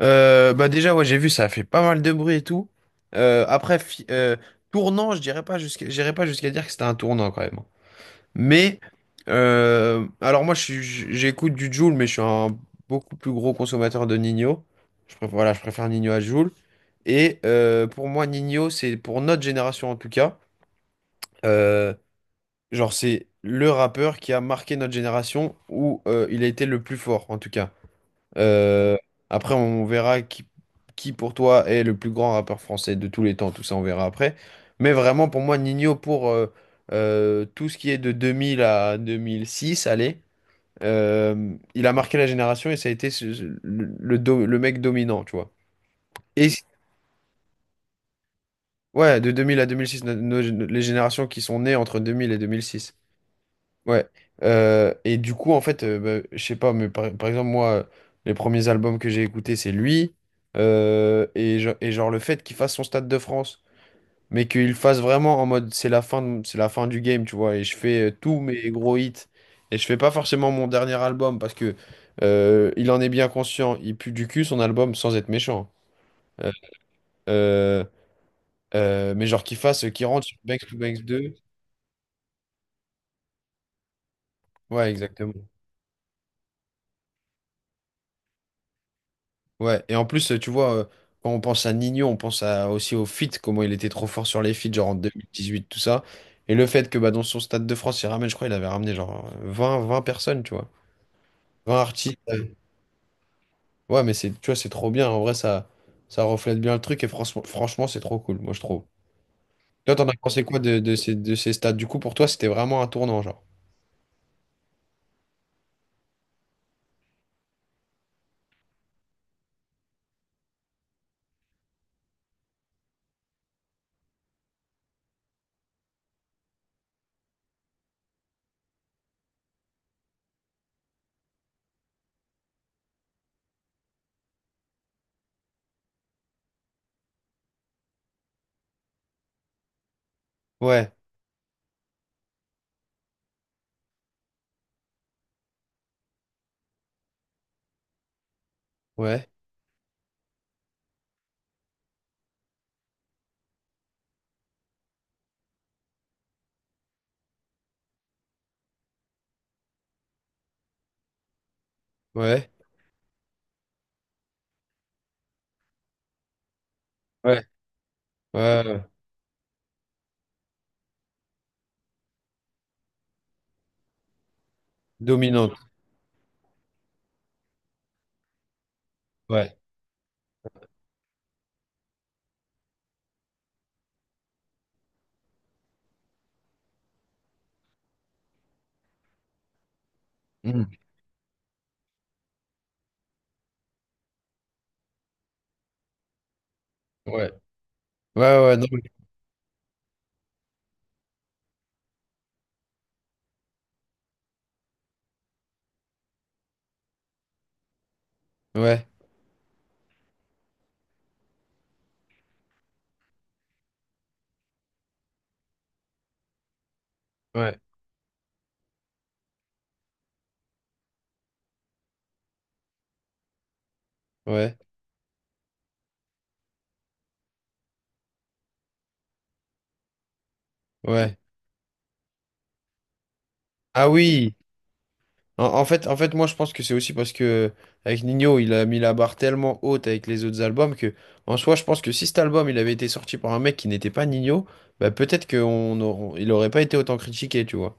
Bah déjà, ouais, j'ai vu, ça a fait pas mal de bruit et tout. Après, tournant, je dirais pas jusqu'à, j'irais pas jusqu'à dire que c'était un tournant quand même. Mais, alors moi, j'écoute du Jul, mais je suis un beaucoup plus gros consommateur de Ninho. Je préfère, voilà, je préfère Ninho à Jul. Et pour moi, Ninho, c'est pour notre génération en tout cas. euh, genre, c'est le rappeur qui a marqué notre génération où il a été le plus fort en tout cas. Euh, Après, on verra qui pour toi est le plus grand rappeur français de tous les temps. Tout ça, on verra après. Mais vraiment, pour moi, Nino, pour tout ce qui est de 2000 à 2006, allez, il a marqué la génération et ça a été le mec dominant, tu vois. Et si, ouais, de 2000 à 2006, les générations qui sont nées entre 2000 et 2006. Ouais. Et du coup, en fait, bah, je sais pas, mais par exemple, moi, les premiers albums que j'ai écoutés, c'est lui. Et, genre, le fait qu'il fasse son Stade de France, mais qu'il fasse vraiment en mode c'est la fin, c'est la fin du game, tu vois. Et je fais tous mes gros hits. Et je fais pas forcément mon dernier album parce que il en est bien conscient. Il pue du cul son album sans être méchant. Hein. Euh, mais genre, qu'il rentre sur Banks to Banks deux. Ouais, exactement. Ouais, et en plus, tu vois, quand on pense à Nino, on pense aussi au fit comment il était trop fort sur les feats, genre en 2018 tout ça. Et le fait que bah, dans son Stade de France, il ramène, je crois, il avait ramené genre vingt personnes, tu vois. 20 artistes. Ouais. Ouais, mais c'est, tu vois, c'est trop bien. En vrai, ça reflète bien le truc et franchement, franchement, c'est trop cool, moi, je trouve. Toi, t'en as pensé quoi de ces stades? Du coup, pour toi, c'était vraiment un tournant, genre. Ouais, ouais, ouais, ouais, ouais, ouais. Dominante. Ouais. Mm. Ouais, ouais, ouais, non, ouais, ouais, ouais. Ouais. Ah oui, en fait, moi je pense que c'est aussi parce que avec Nino, il a mis la barre tellement haute avec les autres albums que, en soi, je pense que si cet album il avait été sorti par un mec qui n'était pas Nino, bah peut-être il aurait pas été autant critiqué, tu vois.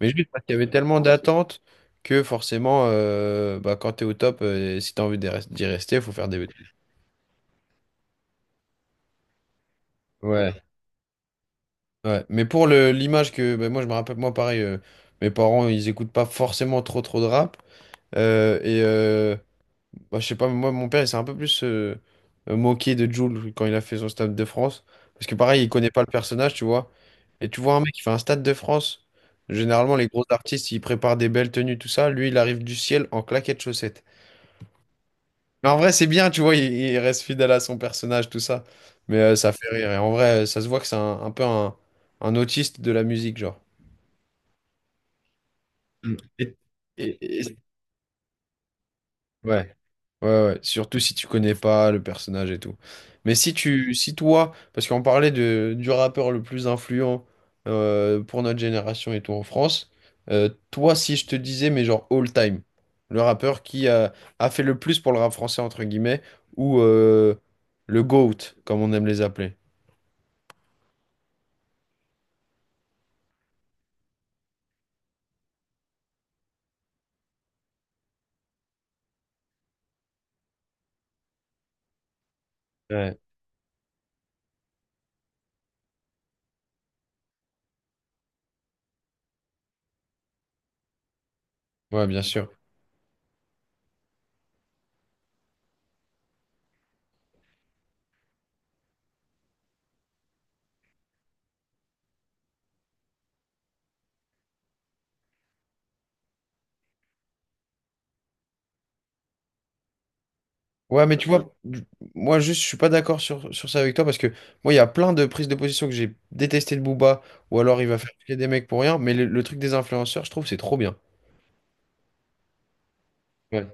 Mais juste parce qu'il y avait tellement d'attentes que forcément, bah, quand t'es au top, si t'as envie d'y rester, faut faire des. Ouais. Ouais. Mais pour le l'image que, bah, moi je me rappelle, moi pareil, mes parents ils écoutent pas forcément trop trop de rap. Et, bah, je sais pas, mais moi, mon père, il s'est un peu plus moqué de Jules quand il a fait son Stade de France. Parce que pareil, il connaît pas le personnage, tu vois. Et tu vois un mec qui fait un Stade de France. Généralement, les gros artistes, ils préparent des belles tenues, tout ça. Lui, il arrive du ciel en claquettes chaussettes. Mais en vrai, c'est bien, tu vois, il reste fidèle à son personnage, tout ça. Mais ça fait rire. Et en vrai, ça se voit que c'est un peu un autiste de la musique, genre. Mm. Et- ouais, ouais, ouais. Surtout si tu connais pas le personnage et tout. Mais si toi, parce qu'on parlait du rappeur le plus influent pour notre génération et tout en France, toi, si je te disais, mais genre all time, le rappeur a fait le plus pour le rap français, entre guillemets, ou le GOAT, comme on aime les appeler. Ouais. Ouais, bien sûr. Ouais, mais tu vois, moi juste, je suis pas d'accord sur ça avec toi parce que moi, il y a plein de prises de position que j'ai détesté de Booba ou alors il va faire chier des mecs pour rien, mais le truc des influenceurs, je trouve, c'est trop bien. Ouais.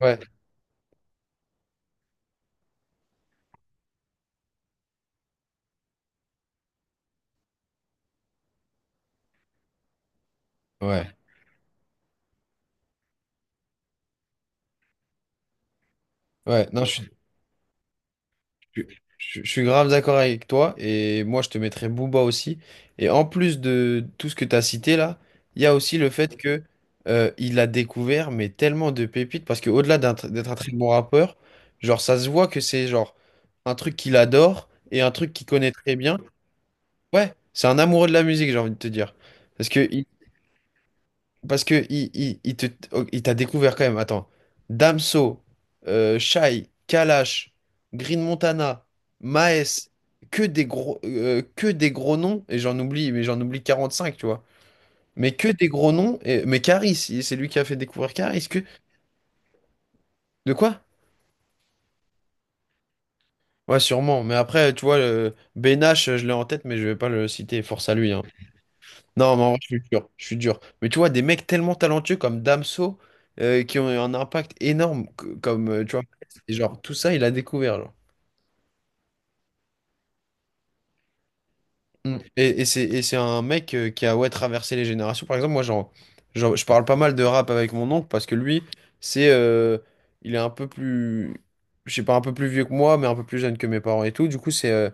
Ouais, ouais, ouais. Non, Je, je suis grave d'accord avec toi et moi je te mettrais Booba aussi. Et en plus de tout ce que tu as cité là, il y a aussi le fait que il a découvert mais tellement de pépites parce que au-delà d'être un très bon rappeur, genre ça se voit que c'est genre un truc qu'il adore et un truc qu'il connaît très bien. Ouais, c'est un amoureux de la musique, j'ai envie de te dire. Parce que il, Parce que il t'a découvert quand même. Attends. Damso, Shai, Kalash, Green Montana, Maes, que des gros noms. Et j'en oublie, mais j'en oublie 45 tu vois. Mais que des gros noms. Et, mais Karis, c'est lui qui a fait découvrir Karis. Que, de quoi? Ouais, sûrement. Mais après, tu vois, Ben je l'ai en tête, mais je vais pas le citer. Force à lui, hein. Non, mais en vrai, je suis dur, je suis dur. Mais tu vois, des mecs tellement talentueux comme Damso, qui ont eu un impact énorme, comme, tu vois, et genre, tout ça, il a découvert, genre. Mm. C'est un mec qui a ouais, traversé les générations. Par exemple, moi, je parle pas mal de rap avec mon oncle parce que lui, c'est, euh, il est un peu plus, je sais pas, un peu plus vieux que moi, mais un peu plus jeune que mes parents et tout. Du coup,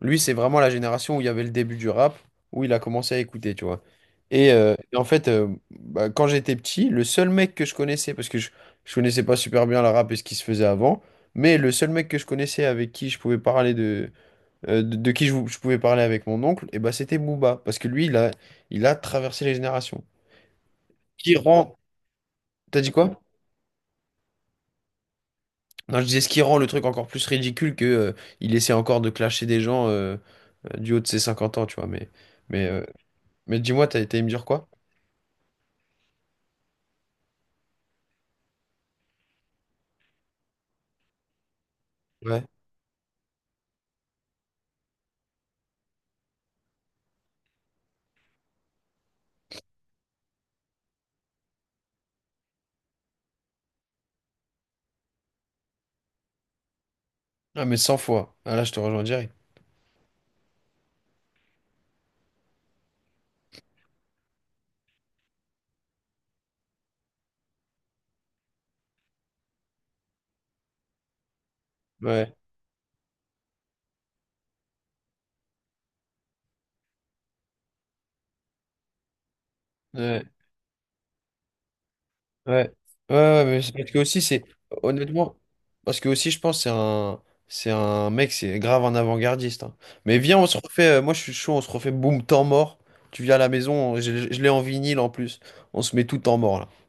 lui, c'est vraiment la génération où il y avait le début du rap, où il a commencé à écouter, tu vois. En fait, bah, quand j'étais petit, le seul mec que je connaissais, parce que je connaissais pas super bien le rap et ce qui se faisait avant, mais le seul mec que je connaissais avec qui je pouvais parler de je pouvais parler avec mon oncle, et bah c'était Booba, parce que lui, il a traversé les générations. Ce qui rend... T'as dit quoi? Non, je disais ce qui rend le truc encore plus ridicule que il essaie encore de clasher des gens du haut de ses 50 ans, tu vois, mais, euh, mais dis-moi, t'as été me dire quoi? Ouais. Ah, mais 100 fois. Ah, là, je te rejoins direct. Ouais. Ouais. Ouais, ouais, ouais, mais c'est parce que aussi, c'est honnêtement, parce que aussi, je pense, c'est un mec, c'est grave un avant-gardiste. Hein. Mais viens, on se refait, moi je suis chaud, on se refait boum, temps mort. Tu viens à la maison, je l'ai en vinyle en plus, on se met tout temps mort là.